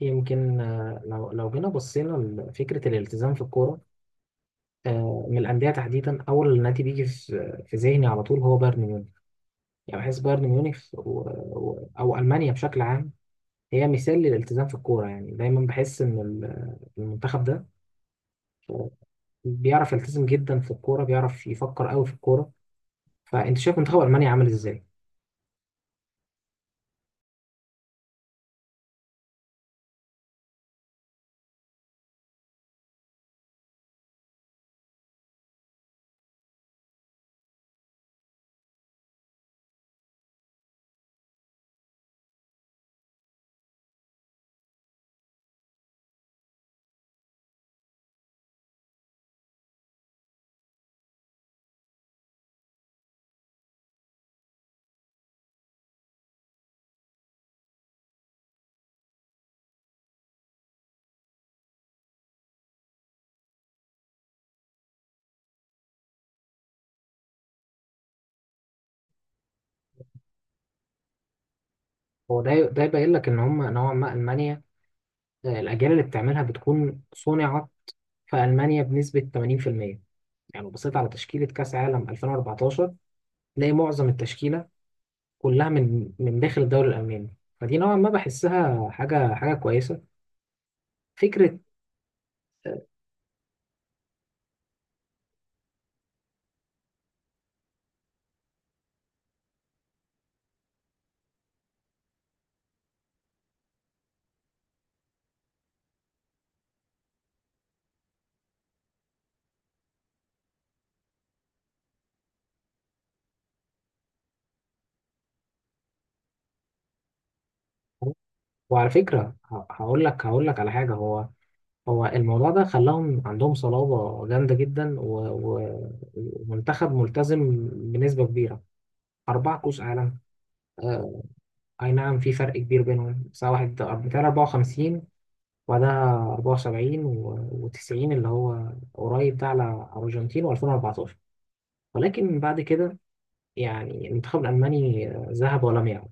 يمكن لو جينا بصينا لفكرة الالتزام في الكورة. من الأندية تحديدا، أول نادي بيجي في ذهني على طول هو بايرن ميونخ. يعني بحس بايرن ميونخ أو ألمانيا بشكل عام هي مثال للالتزام في الكورة. يعني دايما بحس إن المنتخب ده آه، بيعرف يلتزم جدا في الكورة، بيعرف يفكر قوي في الكورة. فأنت شايف منتخب ألمانيا عامل إزاي؟ هو ده يبين لك إن هم نوعا ما ألمانيا، الأجيال اللي بتعملها بتكون صنعت في ألمانيا بنسبة 80%. يعني لو بصيت على تشكيلة كأس عالم 2014، تلاقي معظم التشكيلة كلها من داخل الدوري الألماني. فدي نوعا ما بحسها حاجة حاجة كويسة. فكرة. آه. وعلى فكرة، هقول لك على حاجة. هو الموضوع ده خلاهم عندهم صلابة جامدة جدا، ومنتخب ملتزم بنسبة كبيرة. أربعة كؤوس عالم. آه. أي نعم، في فرق كبير بينهم، بس واحد بتاع 54 وبعدها 74 و90 اللي هو قريب ده على الأرجنتين، و2014. ولكن بعد كده، يعني المنتخب الألماني ذهب ولم يعد.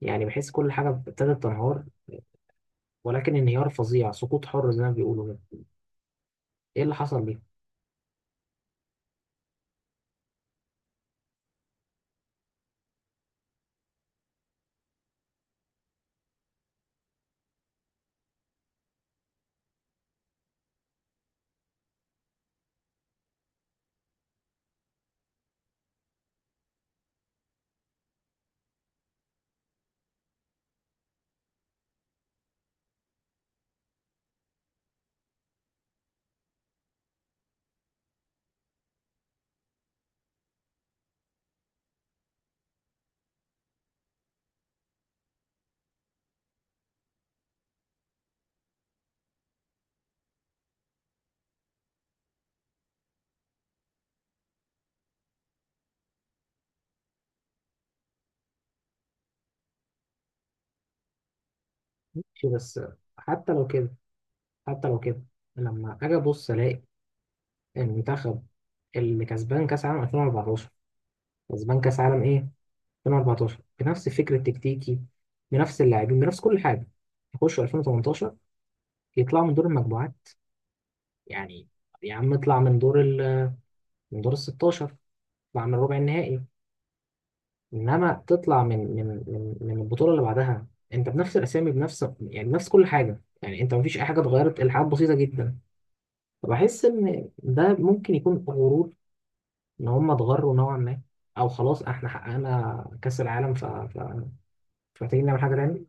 يعني بحس كل حاجة ابتدت تنهار، ولكن انهيار فظيع، سقوط حر زي ما بيقولوا كده. ايه اللي حصل ليه؟ شيء بس. حتى لو كده حتى لو كده، لما أجي أبص ألاقي المنتخب اللي كسبان كأس عالم 2014، كسبان كأس عالم إيه؟ 2014، بنفس الفكر التكتيكي، بنفس اللاعبين، بنفس كل حاجة، يخشوا 2018 يطلعوا من دور المجموعات! يعني يا عم، اطلع من دور ال 16، اطلع من ربع النهائي، انما تطلع من البطوله اللي بعدها. انت بنفس الاسامي، بنفس، يعني بنفس كل حاجه. يعني انت مفيش اي حاجه اتغيرت، الحاجات بسيطه جدا. فبحس ان ده ممكن يكون غرور، ان هم اتغروا نوعا ما، او خلاص احنا حققنا كاس العالم، فمحتاجين نعمل حاجه تاني.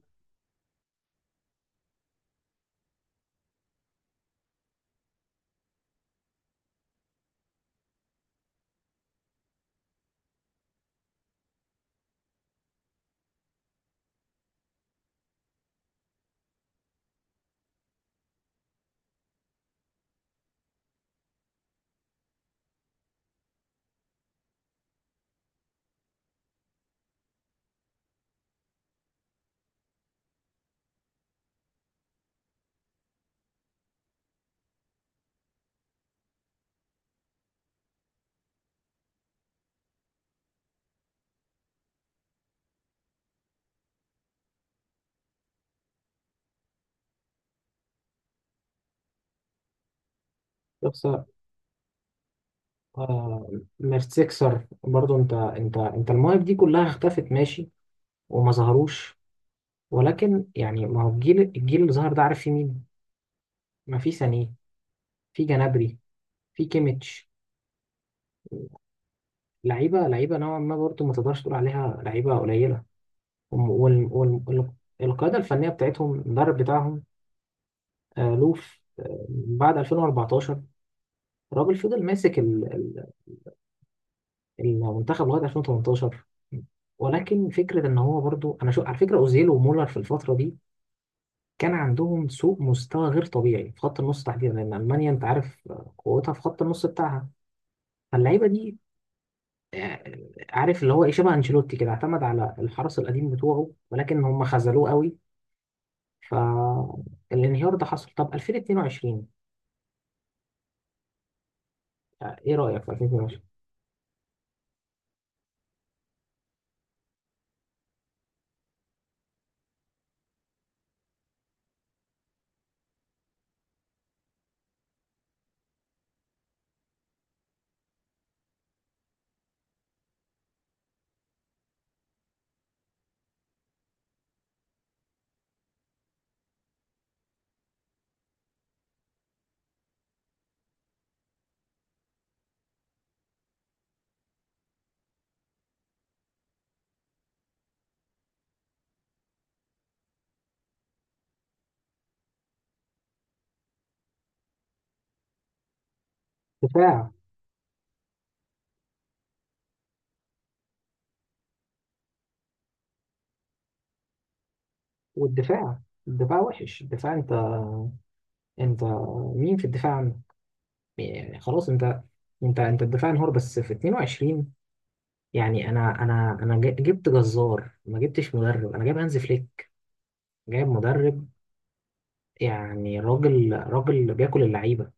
بس آه. ميرتسيكسر برضو، انت المواهب دي كلها اختفت، ماشي، وما ظهروش. ولكن يعني ما هو، الجيل اللي ظهر ده عارف في مين؟ ما في سانيه، في جنابري، في كيميتش. لعيبه لعيبه نوعا ما، برضه ما تقدرش تقول عليها لعيبه قليله. والقاعده الفنيه بتاعتهم، المدرب بتاعهم، لوف، بعد 2014 الراجل فضل ماسك المنتخب لغايه 2018. ولكن فكره ان هو برضه، انا شو على فكره، اوزيل ومولر في الفتره دي كان عندهم سوء مستوى غير طبيعي في خط النص تحديدا، لان المانيا انت عارف، قوتها في خط النص بتاعها. فاللعيبه دي، عارف اللي هو ايه، شبه انشيلوتي كده، اعتمد على الحرس القديم بتوعه، ولكن هم خذلوه قوي. فالانهيار ده حصل. طب 2022، ايه رايك في 2022؟ دفاع. والدفاع، الدفاع وحش، الدفاع. انت، انت مين في الدفاع عنه؟ يعني خلاص انت، انت الدفاع انهار بس في 22. يعني انا جبت جزار ما جبتش مدرب، انا جايب هانز فليك، جايب مدرب. يعني راجل راجل بياكل اللعيبه،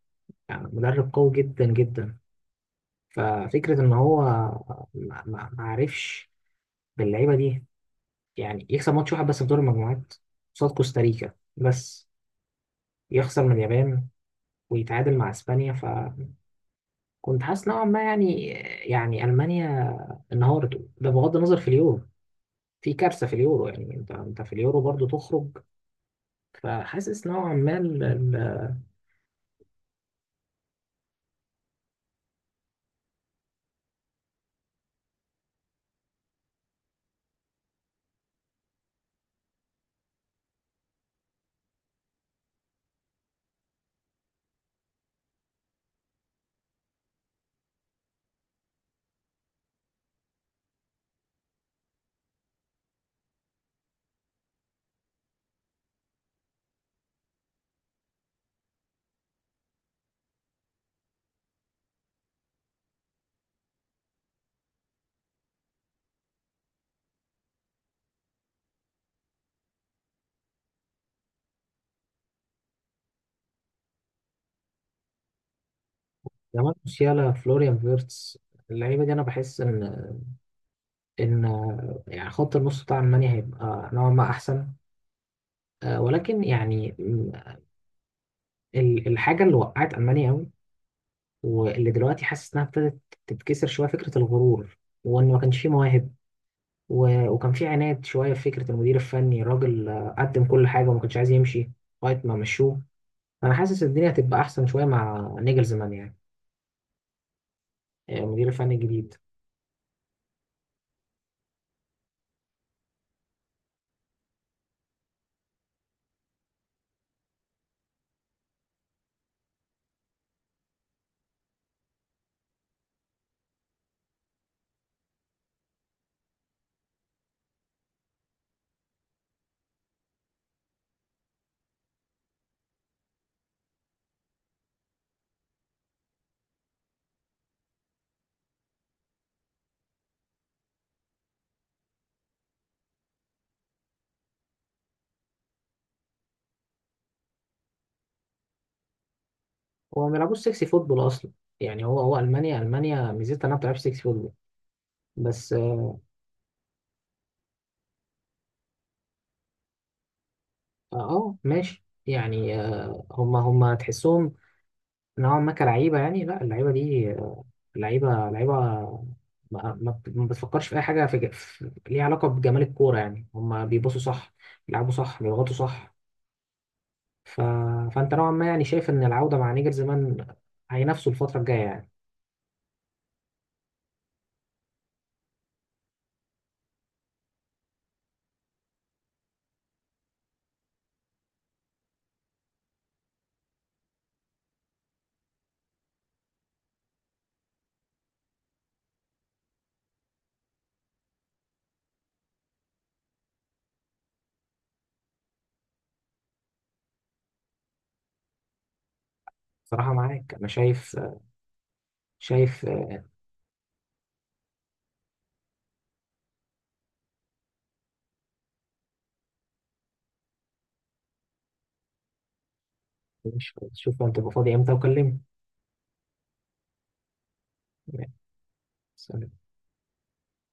يعني مدرب قوي جدا جدا. ففكرة إن هو ما عرفش باللعيبة دي يعني يكسب ماتش واحد بس في دور المجموعات، قصاد كوستاريكا بس، يخسر من اليابان ويتعادل مع إسبانيا. فكنت حاسس نوعا ما، يعني، يعني ألمانيا انهارت. ده بغض النظر في اليورو، في كارثة في اليورو. يعني أنت في اليورو برضو تخرج. فحاسس نوعا ما جمال موسيالا، فلوريان فيرتس، اللعيبة دي أنا بحس إن يعني خط النص بتاع ألمانيا هيبقى نوعا ما أحسن. ولكن يعني الحاجة اللي وقعت ألمانيا أوي، واللي دلوقتي حاسس إنها ابتدت تتكسر شوية، فكرة الغرور وإن ما كانش فيه مواهب، وكان فيه عناد شوية في فكرة المدير الفني، راجل قدم كل حاجة وما كانش عايز يمشي لغاية ما مشوه. أنا حاسس الدنيا هتبقى أحسن شوية مع نيجلزمان، يعني، المدير الفني الجديد. هو ما بيلعبوش سكسي فوتبول أصلا. يعني هو ألمانيا ميزتها إنها ما بتلعبش سكسي فوتبول. بس اه. ماشي يعني هما تحسهم نوعا ما كلعيبة. يعني لا، اللعيبة دي لعيبة لعيبة، ما بتفكرش في أي حاجة ليها علاقة بجمال الكورة. يعني هما بيبصوا صح، بيلعبوا صح، بيضغطوا صح. ف... فأنت نوعا ما يعني شايف إن العودة مع نيجر زمان هينافسوا الفترة الجاية، يعني. صراحة معاك أنا شايف شوف أنت تبقى فاضي إمتى وكلمني. سلام.